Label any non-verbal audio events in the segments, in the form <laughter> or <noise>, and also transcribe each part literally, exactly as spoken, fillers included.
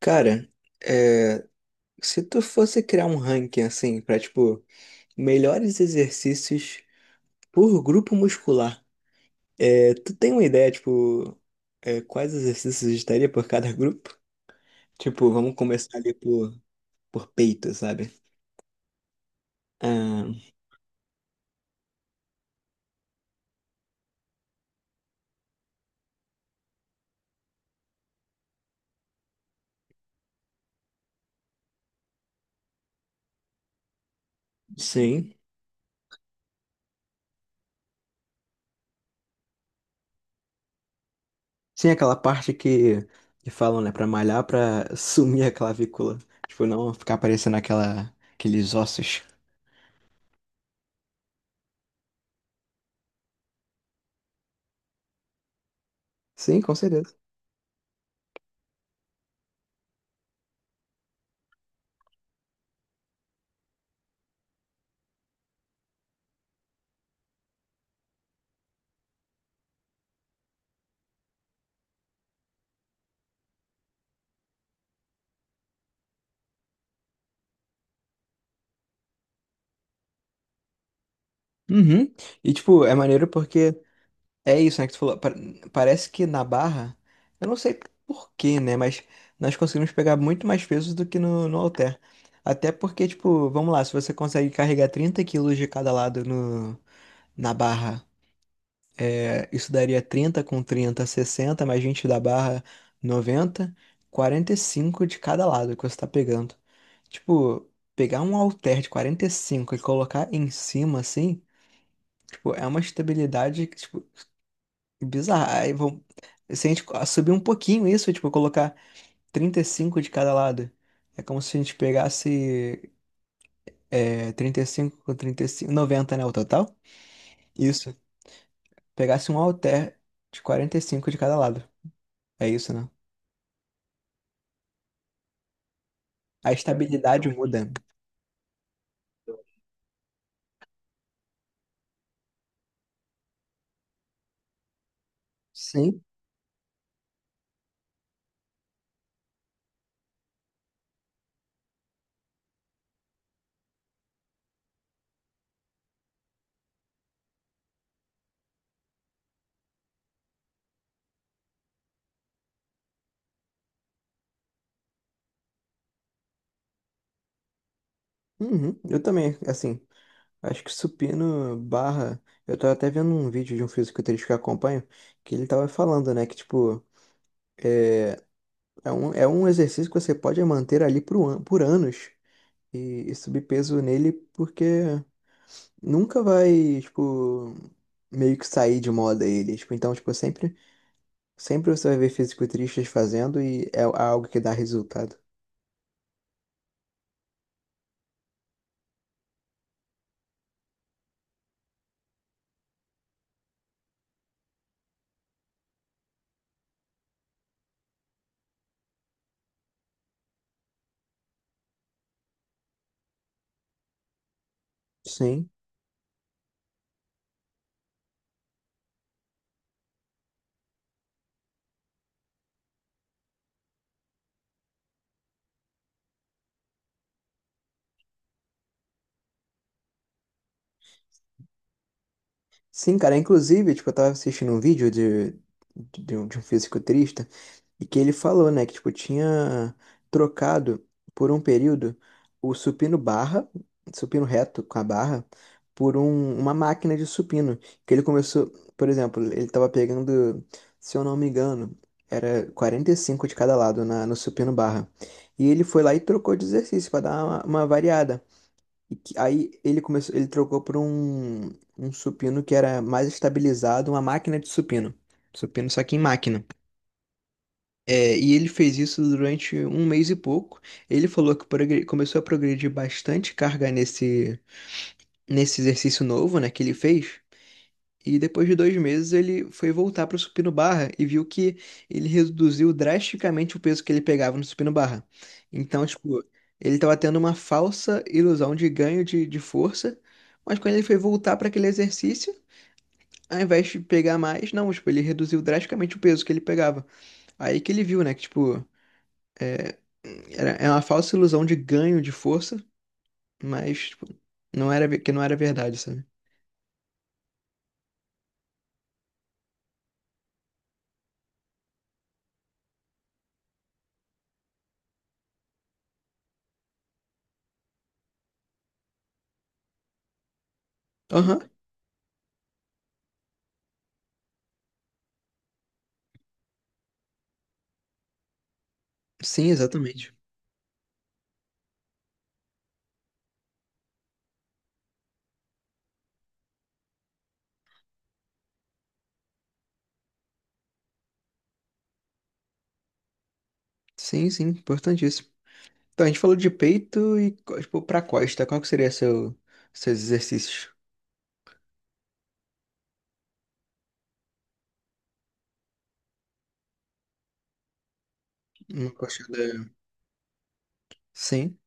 Cara, é, se tu fosse criar um ranking assim, pra tipo, melhores exercícios por grupo muscular, é, tu tem uma ideia, tipo, é, quais exercícios estaria por cada grupo? Tipo, vamos começar ali por, por peito, sabe? Ah, sim. Sim, aquela parte que, que falam, né, pra malhar, pra <laughs> sumir a clavícula. Tipo, não ficar aparecendo aquela, aqueles ossos. Sim, com certeza. Uhum. E, tipo, é maneiro porque. É isso, né, que tu falou. Pa- Parece que na barra, eu não sei por quê, né? Mas nós conseguimos pegar muito mais pesos do que no, no halter. Até porque, tipo, vamos lá, se você consegue carregar trinta quilos de cada lado no, na barra, é, isso daria trinta com trinta, sessenta mais vinte da barra, noventa, quarenta e cinco de cada lado que você tá pegando. Tipo, pegar um halter de quarenta e cinco e cinco e colocar em cima, assim, tipo, é uma estabilidade que, tipo, bizarro. Aí vão... Se a gente subir um pouquinho isso, tipo, colocar trinta e cinco de cada lado, é como se a gente pegasse é, trinta e cinco com trinta e cinco noventa, né, o total? Isso. Pegasse um halter de quarenta e cinco de cada lado. É isso, né? A estabilidade muda. Sim. Uhum. Eu também, assim, acho que supino barra. Eu tava até vendo um vídeo de um fisiculturista que eu acompanho, que ele tava falando, né, que, tipo, é um, é um exercício que você pode manter ali por, an- por anos. e, e subir peso nele porque nunca vai, tipo, meio que sair de moda ele. Tipo, então, tipo, sempre, sempre você vai ver fisiculturistas fazendo e é algo que dá resultado. Sim. Sim, cara. Inclusive, tipo, eu tava assistindo um vídeo de, de, um de um fisiculturista. E que ele falou, né, que tipo tinha trocado por um período o supino barra, supino reto com a barra, por um- uma máquina de supino, que ele começou, por exemplo, ele tava pegando, se eu não me engano, era quarenta e cinco de cada lado na, no supino barra. E ele foi lá e trocou de exercício para dar uma, uma variada. E que- aí ele começou, ele trocou por um, um supino que era mais estabilizado, uma máquina de supino. Supino só que em máquina. É, e ele fez isso durante um mês e pouco. Ele falou que progre- começou a progredir bastante carga nesse, nesse exercício novo, né, que ele fez. E depois de dois meses ele foi voltar para o supino barra e viu que ele reduziu drasticamente o peso que ele pegava no supino barra. Então, tipo, ele estava tendo uma falsa ilusão de ganho de, de força, mas quando ele foi voltar para aquele exercício, ao invés de pegar mais, não, tipo, ele reduziu drasticamente o peso que ele pegava. Aí que ele viu, né, que, tipo, é, era, é uma falsa ilusão de ganho de força, mas tipo, não era ve- que não era verdade, sabe? Aham, sim, exatamente. Sim, sim, importantíssimo. Então, a gente falou de peito e, co- tipo, pra costa. Qual que seria seu, seus exercícios? Uma coxada. Sim.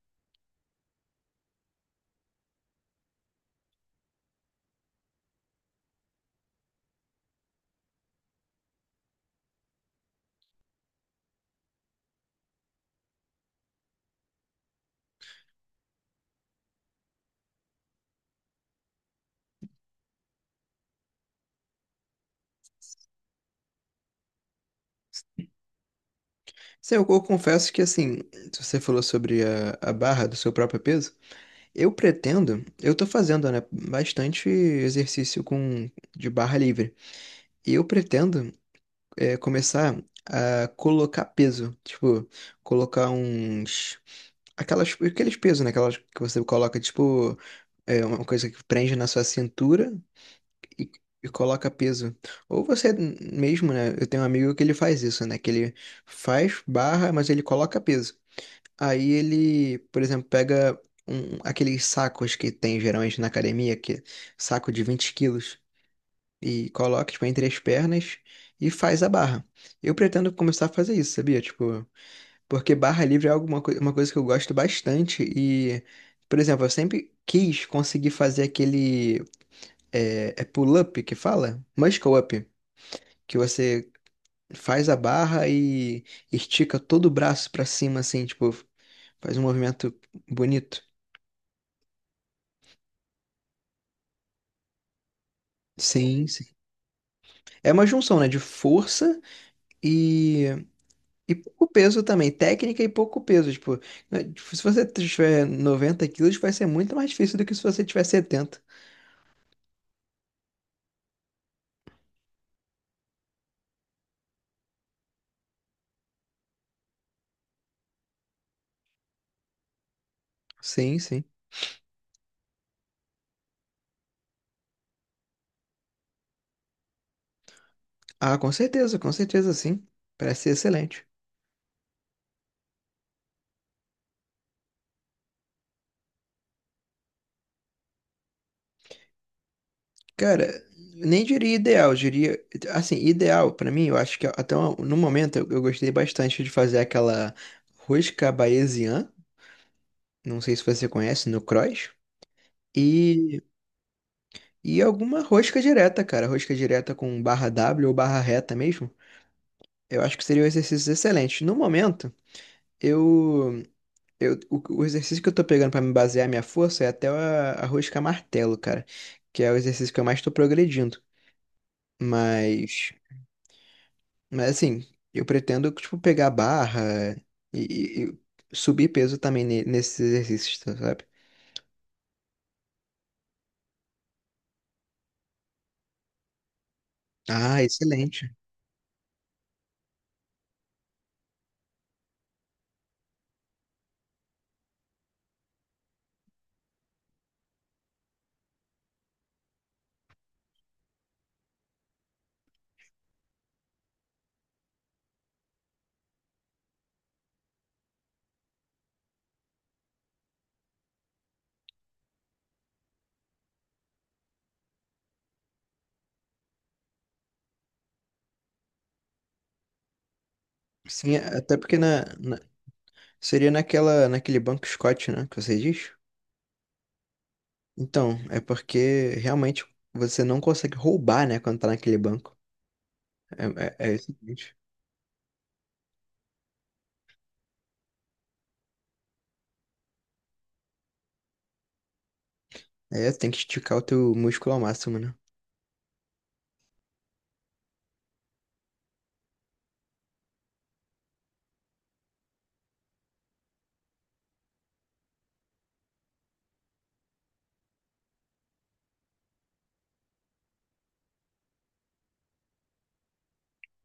Sim, eu, eu confesso que, assim, se você falou sobre a, a barra do seu próprio peso, eu pretendo, eu tô fazendo, né, bastante exercício com, de barra livre. E eu pretendo é, começar a colocar peso. Tipo, colocar uns. Aquelas, aqueles pesos, né? Aquelas que você coloca, tipo, é, uma coisa que prende na sua cintura e, e coloca peso. Ou você mesmo, né? Eu tenho um amigo que ele faz isso, né? Que ele faz barra, mas ele coloca peso. Aí ele, por exemplo, pega um, aqueles sacos que tem geralmente na academia, que é saco de vinte quilos e coloca, tipo, entre as pernas e faz a barra. Eu pretendo começar a fazer isso, sabia? Tipo, porque barra livre é alguma coi- uma coisa que eu gosto bastante e, por exemplo, eu sempre quis conseguir fazer aquele é, é pull-up que fala? Muscle up, que você faz a barra e estica todo o braço pra cima, assim, tipo, faz um movimento bonito. Sim, sim. É uma junção, né, de força e pouco peso também, técnica e pouco peso. Tipo, né, tipo, se você tiver noventa quilos, vai ser muito mais difícil do que se você tiver setenta. Sim, sim. Ah, com certeza, com certeza, sim. Parece ser excelente. Cara, nem diria ideal, diria. Assim, ideal, pra mim, eu acho que até o- no momento eu, eu gostei bastante de fazer aquela rosca parisiana. Não sei se você conhece, no cross. E, e alguma rosca direta, cara. Rosca direta com barra W ou barra reta mesmo. Eu acho que seriam exercícios excelentes. No momento, eu, eu o, o exercício que eu tô pegando pra me basear minha força é até a, a rosca martelo, cara, que é o exercício que eu mais tô progredindo. Mas, mas assim, eu pretendo tipo pegar barra e, e- e subir peso também ne- nesses exercícios, tá, sabe? Ah, excelente. Sim, até porque na, na- seria naquela naquele banco Scott, né, que você diz? Então, é porque realmente você não consegue roubar, né, quando tá naquele banco. É, é, é o seguinte. É, tem que esticar o teu músculo ao máximo, né?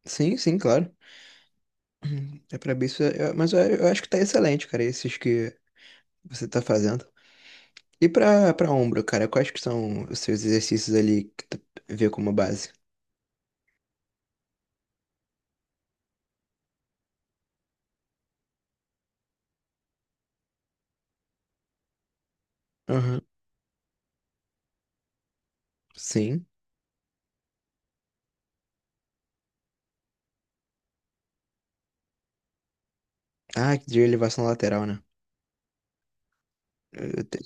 Sim, sim, claro. É pra bíceps, é- é, mas eu, eu acho que tá excelente, cara, esses que você tá fazendo. E pra, pra ombro, cara, quais que são os seus exercícios ali que tu vê como base? Aham. Sim. Ah, de elevação lateral, né? Eu te-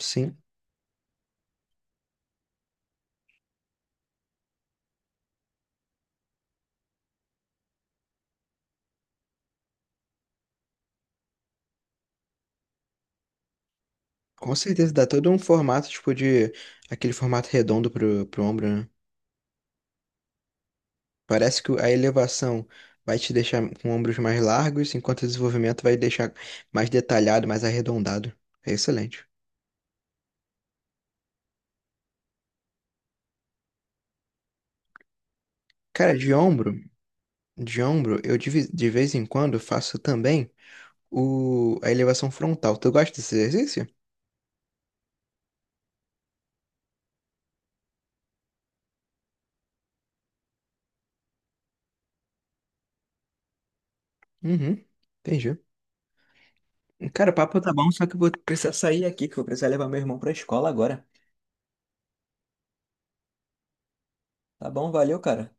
Sim. Com certeza, dá todo um formato, tipo, de... Aquele formato redondo pro, pro ombro, né? Parece que a elevação vai te deixar com ombros mais largos, enquanto o desenvolvimento vai deixar mais detalhado, mais arredondado. É excelente. Cara, de ombro, de ombro, eu de, ve- de vez em quando faço também o, a elevação frontal. Tu gosta desse exercício? Uhum, entendi. Cara, o papo tá bom, só que eu vou. Bora. Tá bom, valeu, cara.